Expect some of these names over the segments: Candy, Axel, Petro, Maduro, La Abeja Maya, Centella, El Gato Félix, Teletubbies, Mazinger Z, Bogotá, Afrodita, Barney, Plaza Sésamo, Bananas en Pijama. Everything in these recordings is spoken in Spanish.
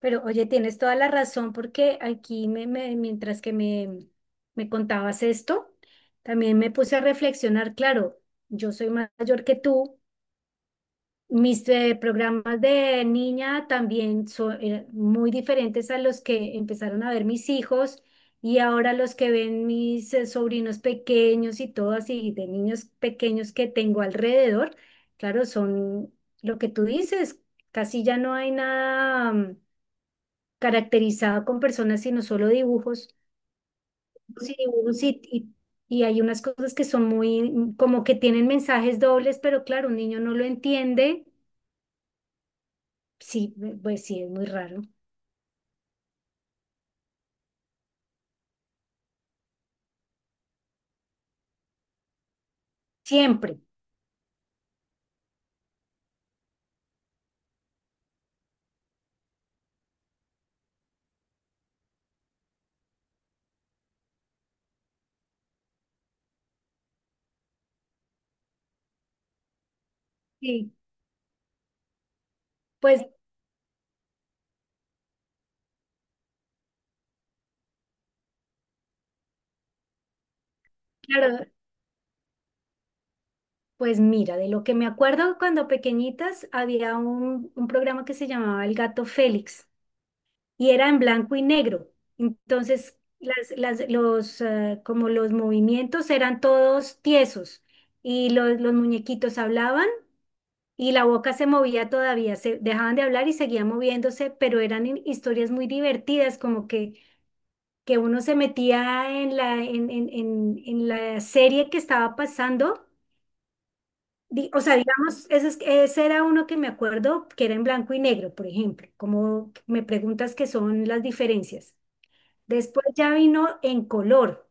Pero oye, tienes toda la razón porque aquí mientras que me contabas esto, también me puse a reflexionar. Claro, yo soy mayor que tú, mis programas de niña también son muy diferentes a los que empezaron a ver mis hijos, y ahora los que ven mis sobrinos pequeños y todo así, de niños pequeños que tengo alrededor. Claro, son lo que tú dices, casi ya no hay nada, caracterizado con personas, sino solo dibujos. Sí, dibujos y hay unas cosas que son muy, como que tienen mensajes dobles, pero claro, un niño no lo entiende. Sí, pues sí, es muy raro, siempre. Sí, pues claro, pues mira, de lo que me acuerdo, cuando pequeñitas había un programa que se llamaba El Gato Félix, y era en blanco y negro. Entonces como los movimientos eran todos tiesos y los muñequitos hablaban y la boca se movía todavía, se dejaban de hablar y seguían moviéndose, pero eran historias muy divertidas, como que uno se metía en la serie que estaba pasando. O sea, digamos, ese era uno que me acuerdo que era en blanco y negro, por ejemplo, como me preguntas qué son las diferencias. Después ya vino en color,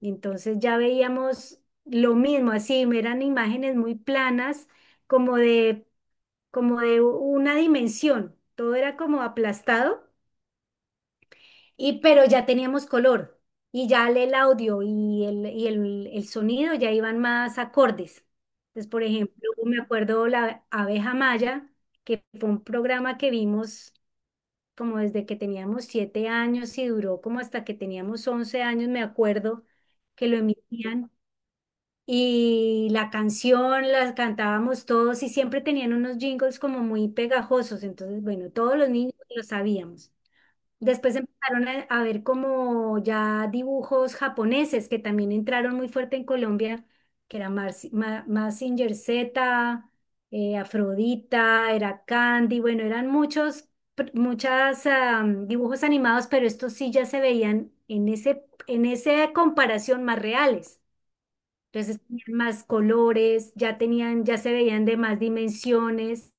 entonces ya veíamos lo mismo, así eran imágenes muy planas, como de, como de una dimensión, todo era como aplastado, y pero ya teníamos color, y ya el audio el sonido ya iban más acordes. Entonces, por ejemplo, me acuerdo la abeja maya, que fue un programa que vimos como desde que teníamos 7 años y duró como hasta que teníamos 11 años, me acuerdo que lo emitían. Y la canción la cantábamos todos y siempre tenían unos jingles como muy pegajosos. Entonces bueno, todos los niños lo sabíamos. Después empezaron a ver como ya dibujos japoneses que también entraron muy fuerte en Colombia, que era Mazinger Z, Afrodita, era Candy, bueno, eran muchos, muchas dibujos animados, pero estos sí ya se veían en esa comparación más reales. Entonces tenían más colores, ya tenían, ya se veían de más dimensiones.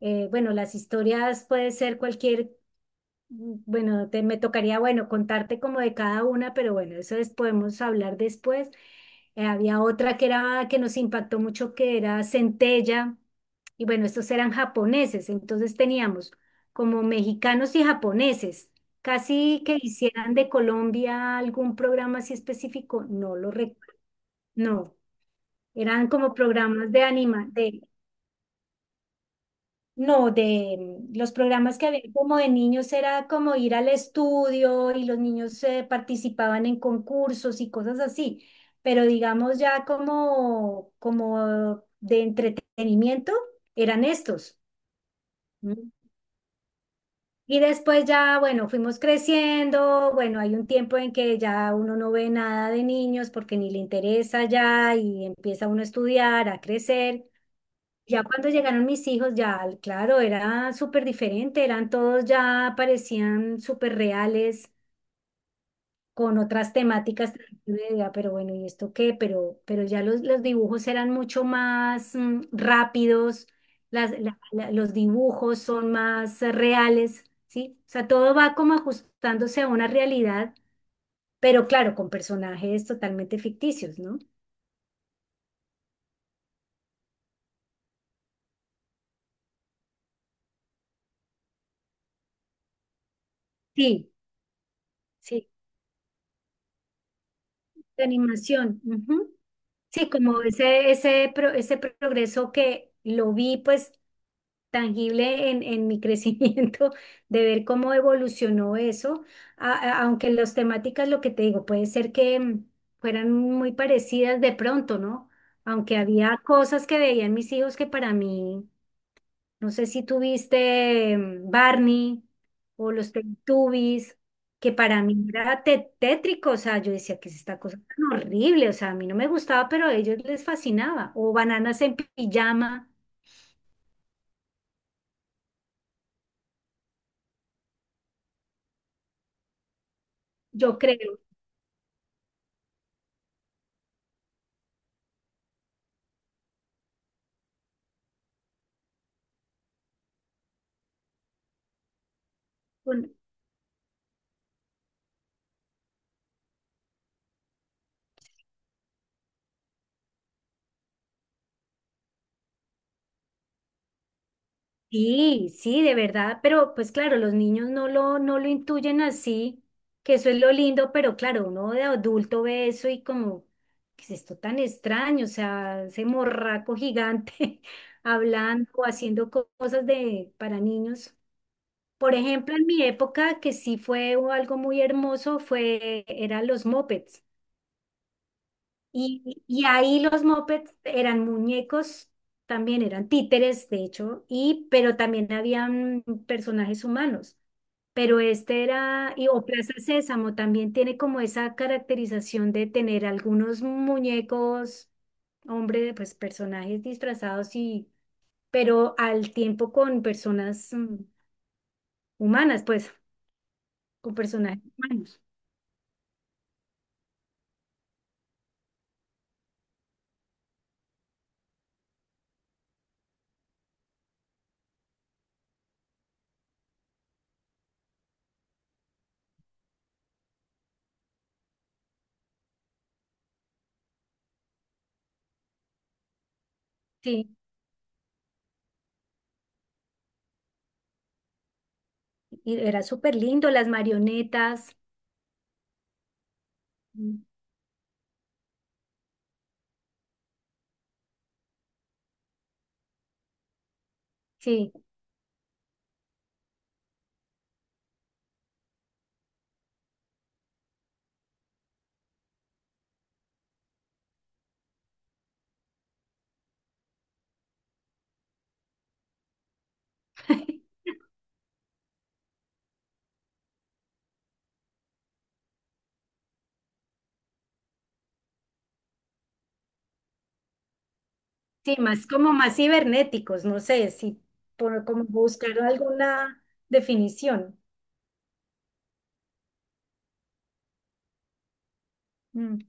Bueno, las historias puede ser cualquier, bueno, me tocaría, bueno, contarte como de cada una, pero bueno, podemos hablar después. Había otra que era, que nos impactó mucho, que era Centella, y bueno, estos eran japoneses, entonces teníamos como mexicanos y japoneses. Casi que hicieran de Colombia algún programa así específico, no lo recuerdo, no, eran como programas de anima. No, de los programas que había como de niños era como ir al estudio y los niños participaban en concursos y cosas así, pero digamos ya como, como de entretenimiento eran estos. ¿M? Y después ya, bueno, fuimos creciendo, bueno, hay un tiempo en que ya uno no ve nada de niños porque ni le interesa ya y empieza uno a estudiar, a crecer. Ya cuando llegaron mis hijos, ya claro, era súper diferente, eran todos ya parecían súper reales, con otras temáticas. Yo decía, pero bueno, ¿y esto qué? Pero ya los dibujos eran mucho más rápidos, los dibujos son más reales, ¿sí? O sea, todo va como ajustándose a una realidad, pero claro, con personajes totalmente ficticios, ¿no? Sí, sí, de animación. Ujú. Sí, como ese progreso que lo vi pues tangible en mi crecimiento, de ver cómo evolucionó eso. Aunque las temáticas, lo que te digo, puede ser que fueran muy parecidas de pronto, ¿no? Aunque había cosas que veían mis hijos que para mí, no sé si tuviste, Barney o los Teletubbies, que para mí era tétrico. O sea, yo decía que es esta cosa tan horrible, o sea, a mí no me gustaba, pero a ellos les fascinaba. O Bananas en Pijama, yo creo. Sí, sí, de verdad, pero pues claro, los niños no lo intuyen así, que eso es lo lindo, pero claro, uno de adulto ve eso y como, ¿qué es esto tan extraño? O sea, ese morraco gigante hablando o haciendo cosas de, para niños. Por ejemplo, en mi época, que sí fue algo muy hermoso, fue, eran los mopeds. Y y ahí los mopeds eran muñecos, también eran títeres, de hecho, y pero también habían personajes humanos. Pero este era, y, o Plaza Sésamo también tiene como esa caracterización de tener algunos muñecos, hombre, pues personajes disfrazados y pero al tiempo con personas humanas, pues, con personajes humanos. Sí, y era súper lindo, las marionetas. mm, sí. Sí, más como más cibernéticos, no sé si por como buscar alguna definición. Mm,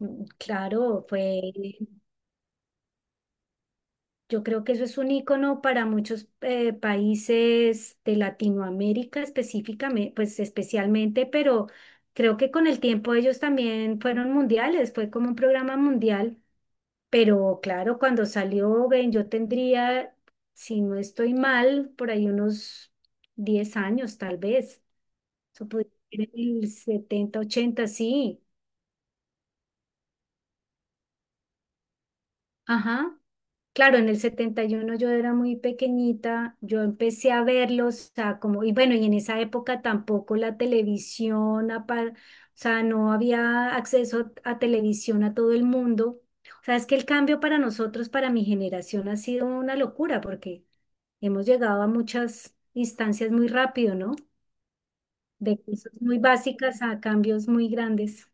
Claro, fue, yo creo que eso es un icono para muchos países de Latinoamérica específicamente, pues especialmente, pero creo que con el tiempo ellos también fueron mundiales, fue como un programa mundial, pero claro, cuando salió, ven, yo tendría, si no estoy mal, por ahí unos 10 años tal vez. Eso podría ser en el 70, 80, sí. Ajá. Claro, en el 71 yo era muy pequeñita, yo empecé a verlos, o sea, como, y bueno, y en esa época tampoco la televisión, o sea, no había acceso a televisión a todo el mundo. O sea, es que el cambio para nosotros, para mi generación, ha sido una locura porque hemos llegado a muchas instancias muy rápido, ¿no? De cosas muy básicas a cambios muy grandes.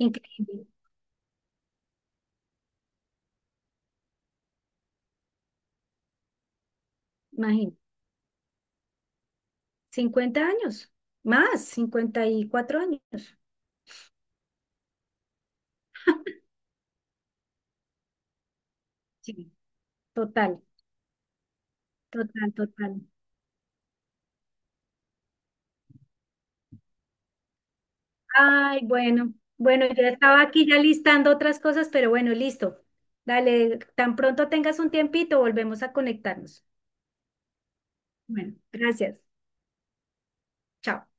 Increíble, imagínate. 50 años, más, 54 años. Sí. Total, total, total. Ay, bueno, bueno, ya estaba aquí ya listando otras cosas, pero bueno, listo. Dale, tan pronto tengas un tiempito, volvemos a conectarnos. Bueno, gracias. Chao.